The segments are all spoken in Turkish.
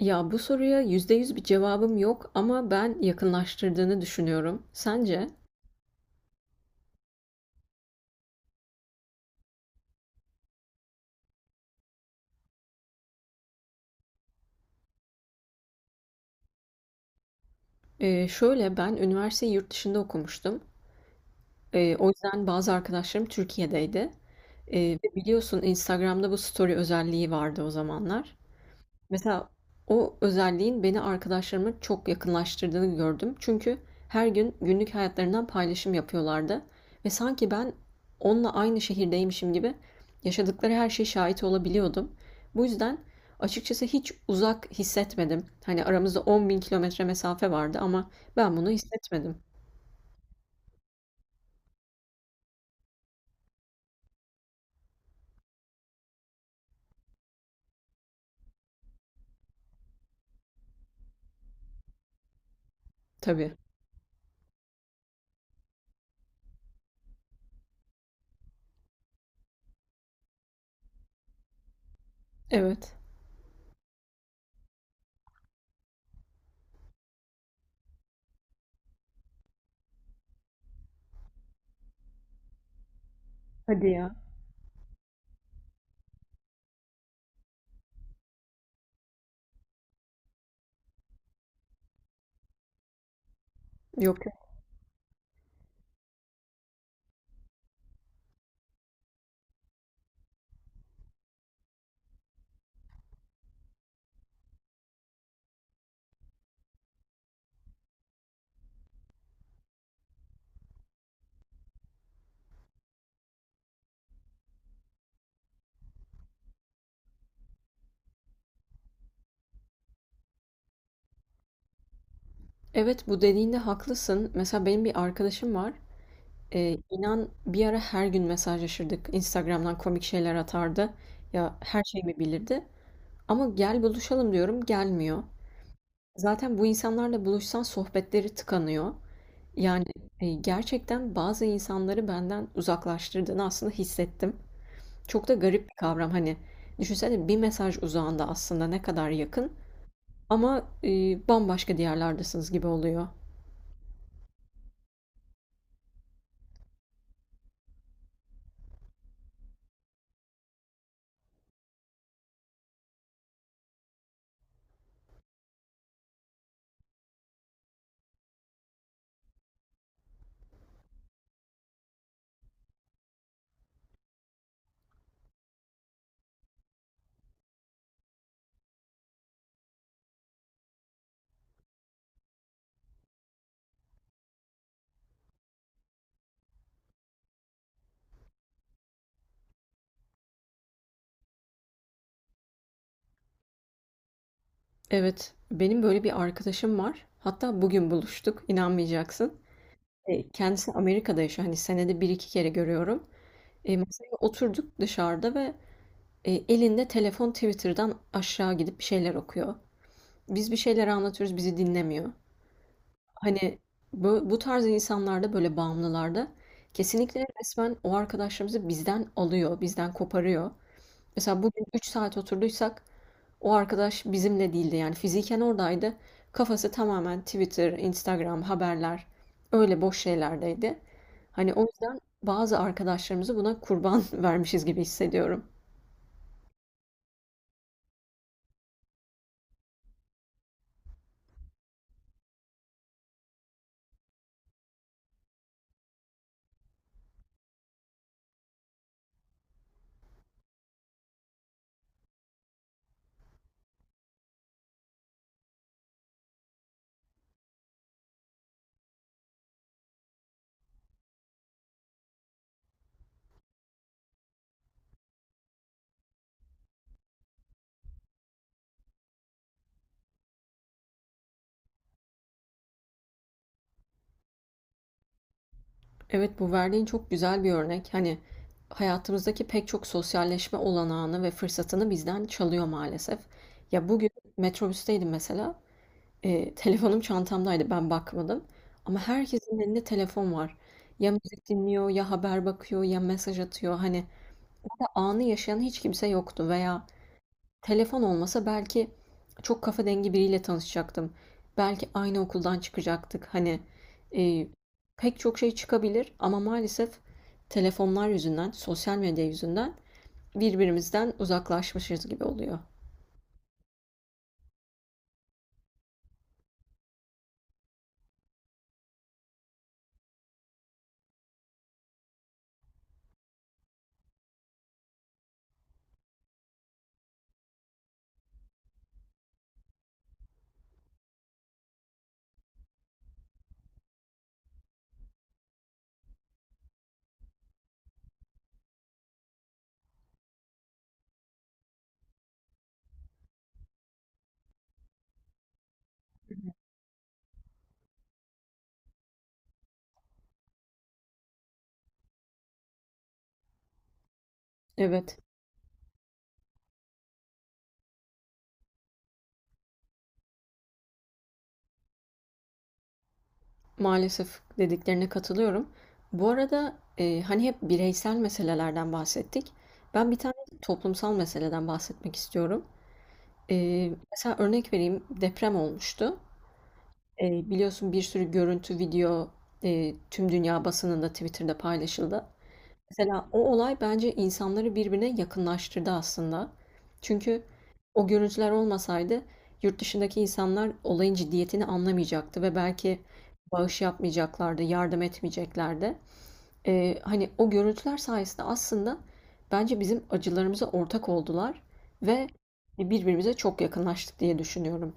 Ya bu soruya %100 bir cevabım yok ama ben yakınlaştırdığını düşünüyorum. Sence? Şöyle ben üniversiteyi yurt dışında okumuştum. O yüzden bazı arkadaşlarım Türkiye'deydi. Ee, Ve biliyorsun Instagram'da bu story özelliği vardı o zamanlar. Mesela o özelliğin beni arkadaşlarıma çok yakınlaştırdığını gördüm. Çünkü her gün günlük hayatlarından paylaşım yapıyorlardı ve sanki ben onunla aynı şehirdeymişim gibi yaşadıkları her şeye şahit olabiliyordum. Bu yüzden açıkçası hiç uzak hissetmedim. Hani aramızda 10.000 kilometre mesafe vardı ama ben bunu hissetmedim. Tabii. Evet. Hadi ya. Yok. Evet, bu dediğinde haklısın. Mesela benim bir arkadaşım var. İnan bir ara her gün mesajlaşırdık. Instagram'dan komik şeyler atardı. Ya, her şeyimi bilirdi ama "Gel, buluşalım." diyorum, gelmiyor. Zaten bu insanlarla buluşsan sohbetleri tıkanıyor. Yani, gerçekten bazı insanları benden uzaklaştırdığını aslında hissettim. Çok da garip bir kavram. Hani, düşünsene, bir mesaj uzağında aslında ne kadar yakın ama, bambaşka diyarlardasınız gibi oluyor. Evet, benim böyle bir arkadaşım var. Hatta bugün buluştuk, inanmayacaksın. Kendisi Amerika'da yaşıyor. Hani senede bir iki kere görüyorum. Masaya oturduk dışarıda ve elinde telefon Twitter'dan aşağı gidip bir şeyler okuyor. Biz bir şeyler anlatıyoruz, bizi dinlemiyor. Hani bu tarz insanlarda, böyle bağımlılarda kesinlikle resmen o arkadaşlarımızı bizden alıyor, bizden koparıyor. Mesela bugün 3 saat oturduysak o arkadaş bizimle değildi, yani fiziken oradaydı. Kafası tamamen Twitter, Instagram, haberler, öyle boş şeylerdeydi. Hani o yüzden bazı arkadaşlarımızı buna kurban vermişiz gibi hissediyorum. Evet, bu verdiğin çok güzel bir örnek. Hani hayatımızdaki pek çok sosyalleşme olanağını ve fırsatını bizden çalıyor maalesef. Ya bugün metrobüsteydim mesela. Telefonum çantamdaydı, ben bakmadım ama herkesin elinde telefon var. Ya müzik dinliyor, ya haber bakıyor, ya mesaj atıyor. Hani ve anı yaşayan hiç kimse yoktu. Veya telefon olmasa belki çok kafa dengi biriyle tanışacaktım. Belki aynı okuldan çıkacaktık. Hani, eee, pek çok şey çıkabilir ama maalesef telefonlar yüzünden, sosyal medya yüzünden birbirimizden uzaklaşmışız gibi oluyor. Evet. Maalesef dediklerine katılıyorum. Bu arada, hani hep bireysel meselelerden bahsettik. Ben bir tane toplumsal meseleden bahsetmek istiyorum. Mesela örnek vereyim, deprem olmuştu. Biliyorsun, bir sürü görüntü, video, tüm dünya basınında, Twitter'da paylaşıldı. Mesela o olay bence insanları birbirine yakınlaştırdı aslında. Çünkü o görüntüler olmasaydı yurt dışındaki insanlar olayın ciddiyetini anlamayacaktı ve belki bağış yapmayacaklardı, yardım etmeyeceklerdi. Hani o görüntüler sayesinde aslında bence bizim acılarımıza ortak oldular ve birbirimize çok yakınlaştık diye düşünüyorum.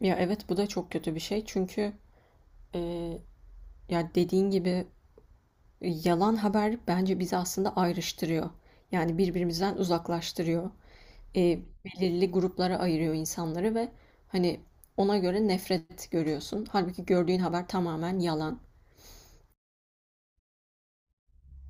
Ya evet, bu da çok kötü bir şey, çünkü e, ya dediğin gibi yalan haber bence bizi aslında ayrıştırıyor. Yani birbirimizden uzaklaştırıyor. E, Belirli gruplara ayırıyor insanları ve hani ona göre nefret görüyorsun. Halbuki gördüğün haber tamamen yalan.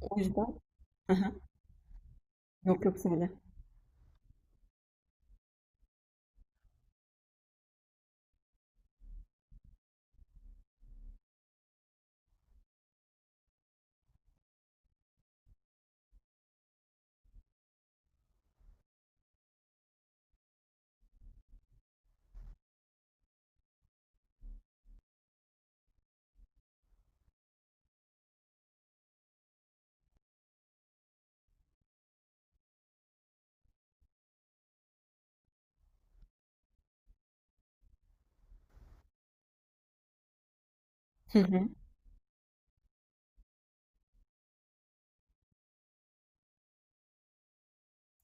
O yüzden... Aha, yok yok, söyle. Hı hı.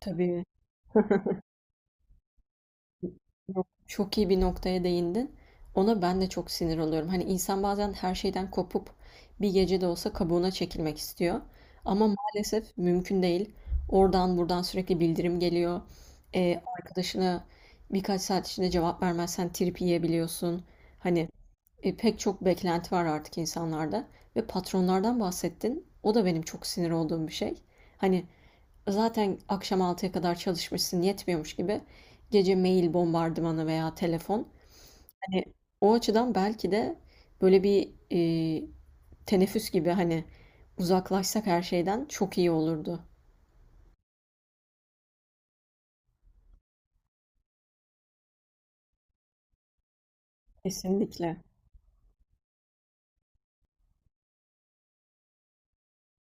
Tabii. Yok, çok iyi bir noktaya değindin. Ona ben de çok sinir oluyorum. Hani insan bazen her şeyden kopup bir gece de olsa kabuğuna çekilmek istiyor. Ama maalesef mümkün değil. Oradan buradan sürekli bildirim geliyor. Arkadaşına birkaç saat içinde cevap vermezsen trip yiyebiliyorsun. Hani pek çok beklenti var artık insanlarda. Ve patronlardan bahsettin. O da benim çok sinir olduğum bir şey. Hani zaten akşam 6'ya kadar çalışmışsın yetmiyormuş gibi gece mail bombardımanı veya telefon. Hani o açıdan belki de böyle bir teneffüs gibi, hani uzaklaşsak her şeyden çok iyi olurdu. Kesinlikle.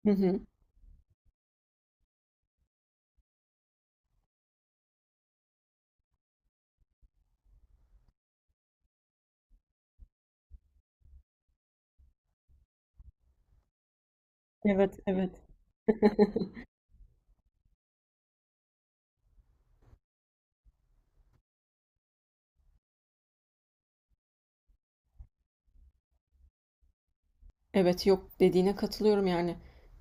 Hı hı. Evet, evet. Evet, yok, dediğine katılıyorum yani.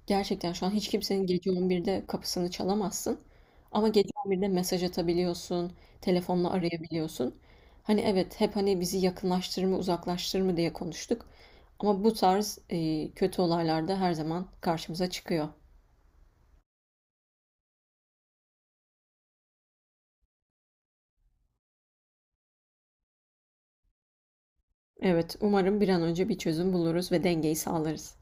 Gerçekten şu an hiç kimsenin gece 11'de kapısını çalamazsın. Ama gece 11'de mesaj atabiliyorsun, telefonla arayabiliyorsun. Hani evet, hep hani bizi yakınlaştırır mı uzaklaştırır mı diye konuştuk. Ama bu tarz kötü olaylar da her zaman karşımıza çıkıyor. Evet, umarım bir an önce bir çözüm buluruz ve dengeyi sağlarız.